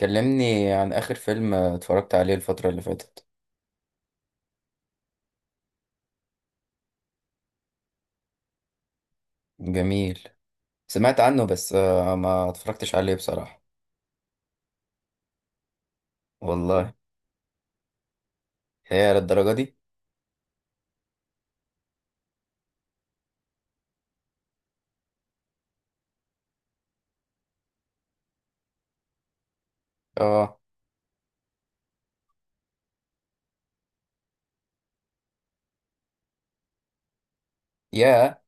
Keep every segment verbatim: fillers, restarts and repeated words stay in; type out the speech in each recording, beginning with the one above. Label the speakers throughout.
Speaker 1: كلمني عن آخر فيلم اتفرجت عليه الفترة اللي فاتت. جميل. سمعت عنه بس آه، ما اتفرجتش عليه بصراحة. والله. هي للدرجة دي؟ اه. يا،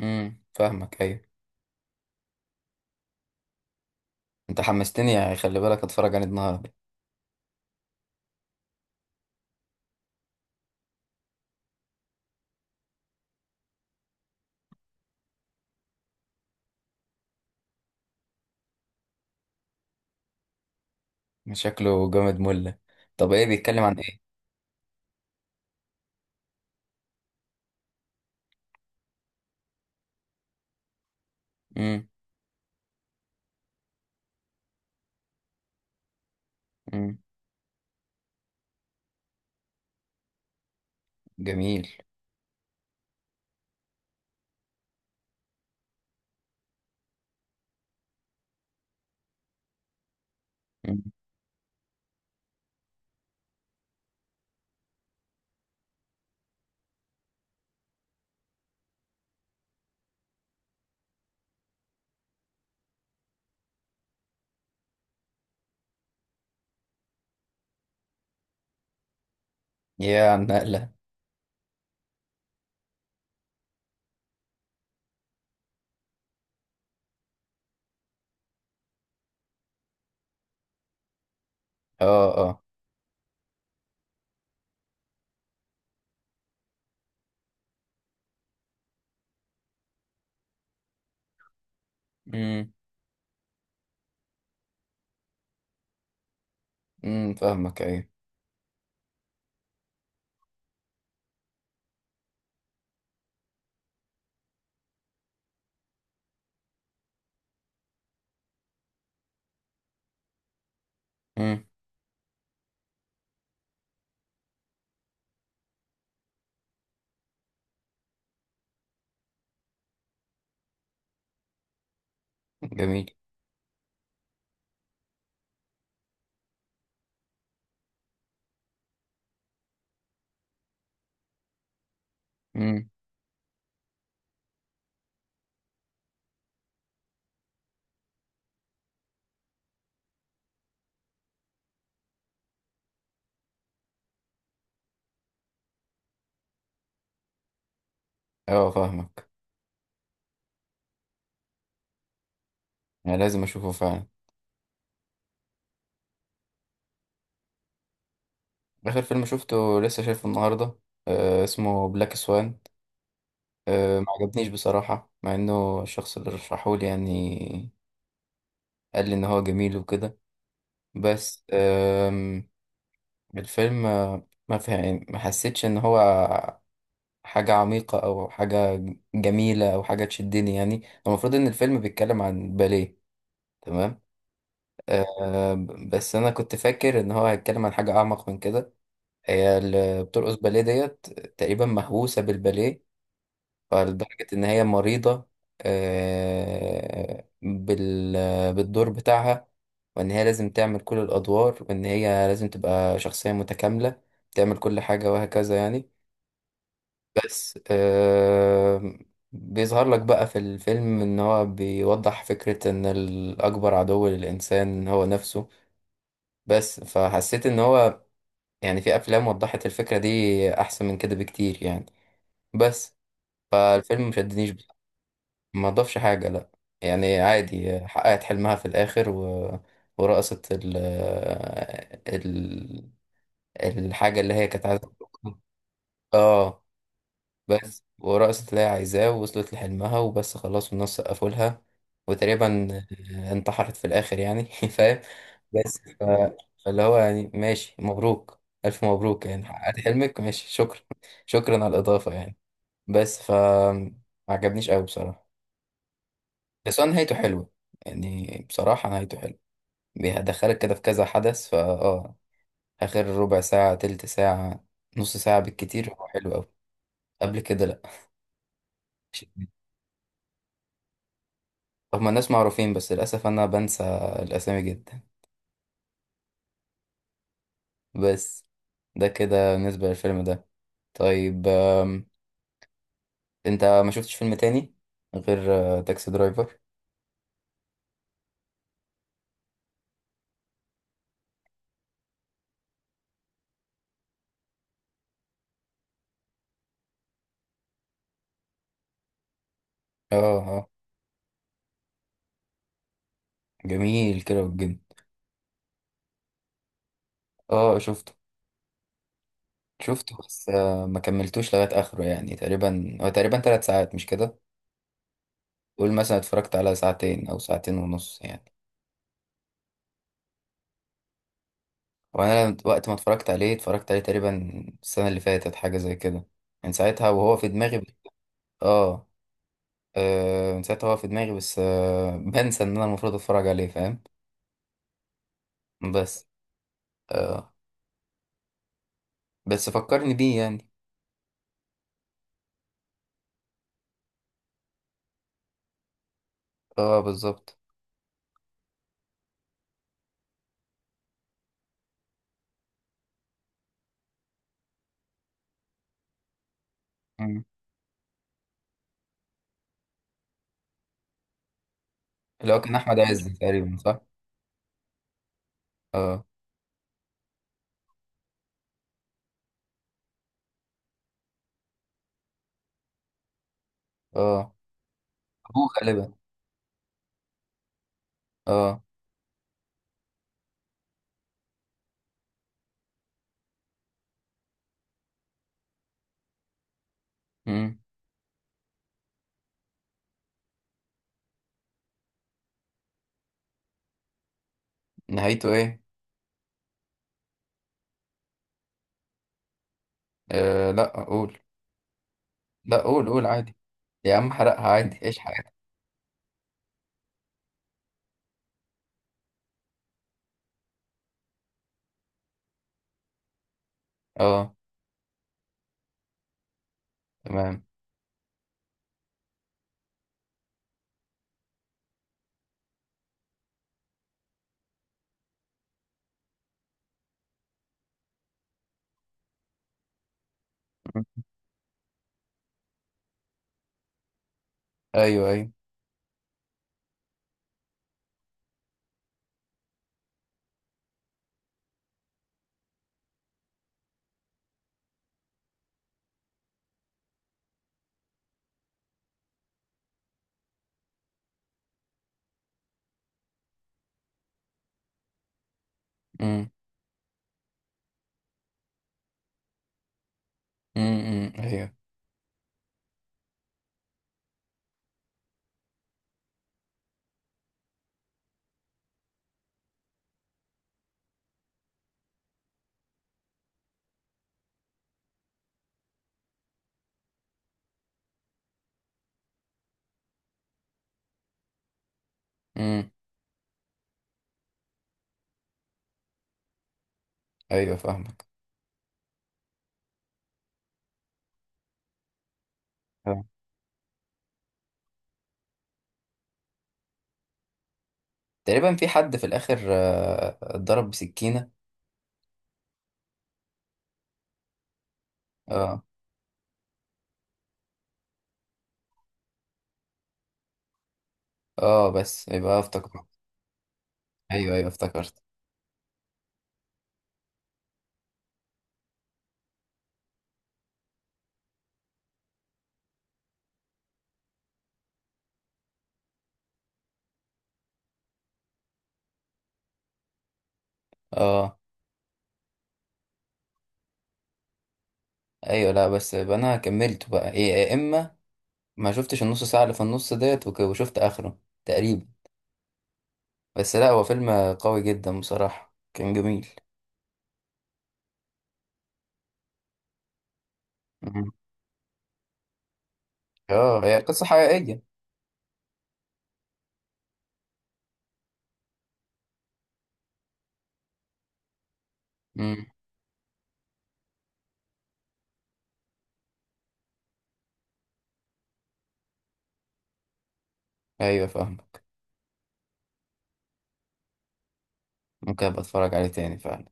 Speaker 1: امم فاهمك، ايوه. انت حمستني يعني، خلي بالك اتفرج عليه النهاردة. شكله جامد مله. طب ايه بيتكلم عن ايه؟ امم. امم. جميل. امم. يا عن نقلة. اه، اه. امم، امم، فاهمك، ايوه. امم. جميل. امم. اه، فاهمك. انا لازم اشوفه فعلا. آخر فيلم شفته لسه شايفه النهاردة. آه، اسمه بلاك سوان. آه، ما عجبنيش بصراحة، مع إنه الشخص اللي رشحهولي يعني قال لي إن هو جميل وكده. بس آم، الفيلم آه، ما فهم ما حسيتش إن هو حاجة عميقة أو حاجة جميلة أو حاجة تشدني يعني. المفروض إن الفيلم بيتكلم عن باليه. تمام. آه بس أنا كنت فاكر إن هو هيتكلم عن حاجة أعمق من كده. هي اللي بترقص باليه ديت، تقريبا مهووسة بالباليه فلدرجة إن هي مريضة آه، بال بالدور بتاعها، وإن هي لازم تعمل كل الأدوار وإن هي لازم تبقى شخصية متكاملة، تعمل كل حاجة وهكذا يعني. بس آه، بيظهر لك بقى في الفيلم إن هو بيوضح فكرة إن الأكبر عدو للإنسان هو نفسه. بس فحسيت إن هو يعني، في أفلام وضحت الفكرة دي أحسن من كده بكتير يعني. بس فالفيلم مشدنيش. ما ضافش حاجة، لا. يعني عادي، حققت حلمها في الآخر، و... ورقصت ال... ال... الحاجة اللي هي كانت عايزة ترقصها. اه. بس ورقصت اللي هي عايزاه، ووصلت لحلمها، وبس خلاص، والناس سقفوا لها. وتقريبا انتحرت في الآخر يعني. فاهم؟ بس ف... فاللي هو يعني، ماشي، مبروك، ألف مبروك، يعني حققت حلمك، ماشي، شكرا. شكرا على الإضافة يعني. بس ف ما عجبنيش قوي بصراحة. بس هو نهايته حلوة، يعني بصراحة نهايته حلوة. بيدخلك كده في كذا حدث، فا اه آخر ربع ساعة، تلت ساعة، نص ساعة بالكتير هو حلو أوي. قبل كده، لأ. هما الناس معروفين، بس للأسف أنا بنسى الأسامي جدا. بس ده كده بالنسبة للفيلم ده. طيب، آم، أنت ما شفتش فيلم تاني غير آه، تاكسي درايفر؟ اه، اه. جميل، كده والجن. اه شفته. شفته بس آه، ما كملتوش لغاية آخره يعني. تقريبا هو تقريبا تلات ساعات، مش كده؟ قول مثلا اتفرجت على ساعتين او ساعتين ونص يعني. وانا لما- وقت ما اتفرجت عليه اتفرجت عليه تقريبا السنه اللي فاتت، حاجه زي كده. من ساعتها وهو في دماغي ب- اه. آه، من ساعتها هو في دماغي، بس آه بنسى ان انا المفروض اتفرج عليه، فاهم؟ بس آه بس فكرني بيه يعني. اه، بالظبط. مم. اللي هو كان احمد عز تقريبا، صح؟ اه، اه. ابوه غالبا. اه. مم. نهايته ايه؟ آه لا قول. لا، قول قول عادي. يا عم حرقها عادي، ايش حرقها. اه. تمام. ايوه، ايوه. امم. امم، إمم. ايوه. امم. ايوه فاهمك. آه. تقريبا في حد في الاخر آه، اتضرب بسكينه. اه، اه. بس يبقى افتكرت. ايوه، ايوه افتكرت. اه. ايوه. لا بس يبقى انا كملت بقى إيه، يا اما ما شفتش النص ساعه اللي في النص ديت، وك- وشفت اخره تقريبا. بس لا هو فيلم قوي جدا بصراحه، كان جميل. مم. اه هي قصه حقيقيه. امم. ايوه فاهمك. ممكن ابقى اتفرج عليه تاني فعلا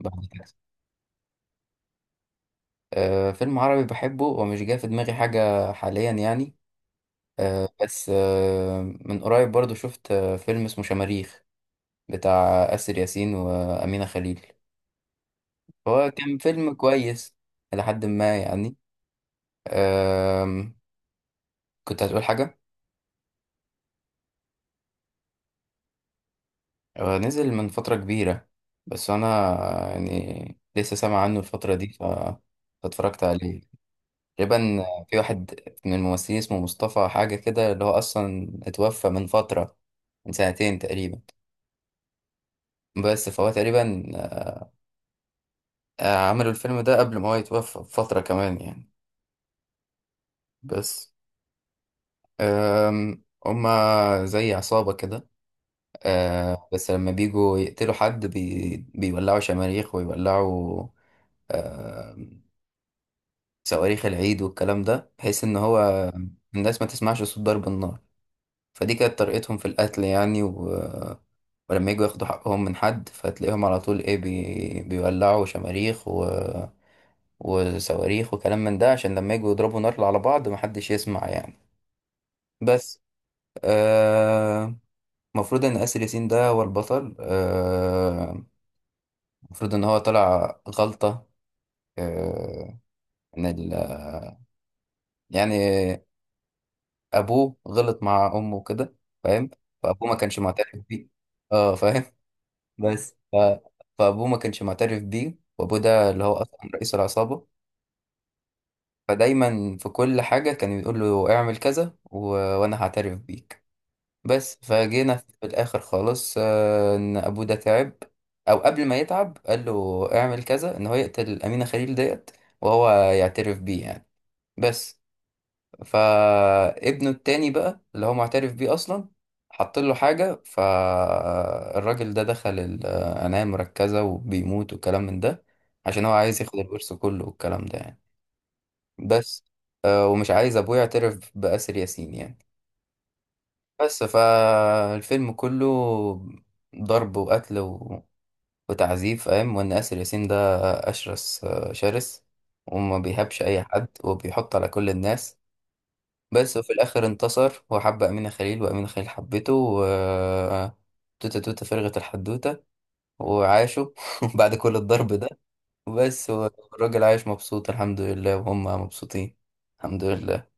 Speaker 1: بعد كده. آه، فيلم عربي بحبه ومش جاي في دماغي حاجة حاليا يعني. آه، بس آه، من قريب برضو شفت آه، فيلم اسمه شماريخ بتاع آسر ياسين وأمينة خليل. هو كان فيلم كويس إلى حد ما يعني. آم، كنت هتقول حاجة. هو نزل من فترة كبيرة، بس أنا يعني لسه سامع عنه الفترة دي ف- فاتفرجت عليه. تقريبا في واحد من الممثلين اسمه مصطفى حاجة كده اللي هو أصلا اتوفى من فترة، من سنتين تقريبا. بس فهو تقريبا آه، عملوا الفيلم ده قبل ما هو يتوفى بفترة كمان يعني. بس آم، هما زي عصابة كده. آه، بس لما بيجوا يقتلوا حد بي بيولعوا شماريخ ويولعوا، آم، صواريخ العيد والكلام ده بحيث إن هو الناس ما تسمعش صوت ضرب النار. فدي كانت طريقتهم في القتل يعني، و... ولما يجوا ياخدوا حقهم من حد فتلاقيهم على طول ايه بي... بيولعوا شماريخ و... وصواريخ وكلام من ده عشان لما يجوا يضربوا نار على بعض محدش يسمع يعني. بس آه، المفروض ان آسر ياسين ده هو البطل، آه، المفروض ان هو طلع غلطة. آه، ان ال... يعني ابوه غلط مع امه كده، فاهم؟ فابوه ما كانش معترف بيه. اه، فاهم. بس ف... فابوه ما كانش معترف بيه، وابوه ده اللي هو اصلا رئيس العصابه. فدايما في كل حاجه كان يقول له اعمل كذا، و... وانا هعترف بيك. بس فجينا في الاخر خالص، آه، ان ابوه ده تعب، او قبل ما يتعب قال له اعمل كذا، ان هو يقتل امينه خليل ديت، وهو يعترف بيه يعني. بس فابنه التاني بقى اللي هو معترف بيه اصلا حط له حاجه، فالراجل ده دخل العنايه المركزه وبيموت والكلام من ده، عشان هو عايز ياخد الورث كله والكلام ده يعني. بس آه، ومش عايز ابوه يعترف باسر ياسين يعني. بس فالفيلم كله ضرب وقتل و... وتعذيب، فاهم؟ وان اسر ياسين ده اشرس آه، شرس، وما بيهابش اي حد وبيحط على كل الناس. بس وفي الآخر انتصر، وحب أمينة خليل وأمينة خليل حبته، و توتة توتة فرغت الحدوتة، وعاشوا. بعد كل الضرب ده. بس والراجل عايش مبسوط الحمد لله، وهم مبسوطين. الحمد لله.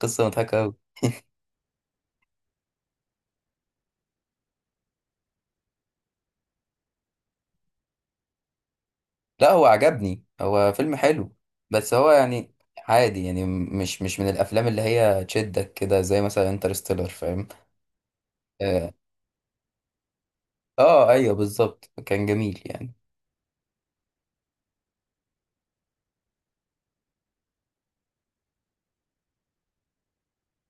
Speaker 1: قصة مضحكة أوي. لا هو عجبني، هو فيلم حلو، بس هو يعني عادي يعني مش مش من الأفلام اللي هي تشدك كده زي مثلا انترستيلر، فاهم؟ اه. آه، ايوه بالظبط، كان جميل يعني.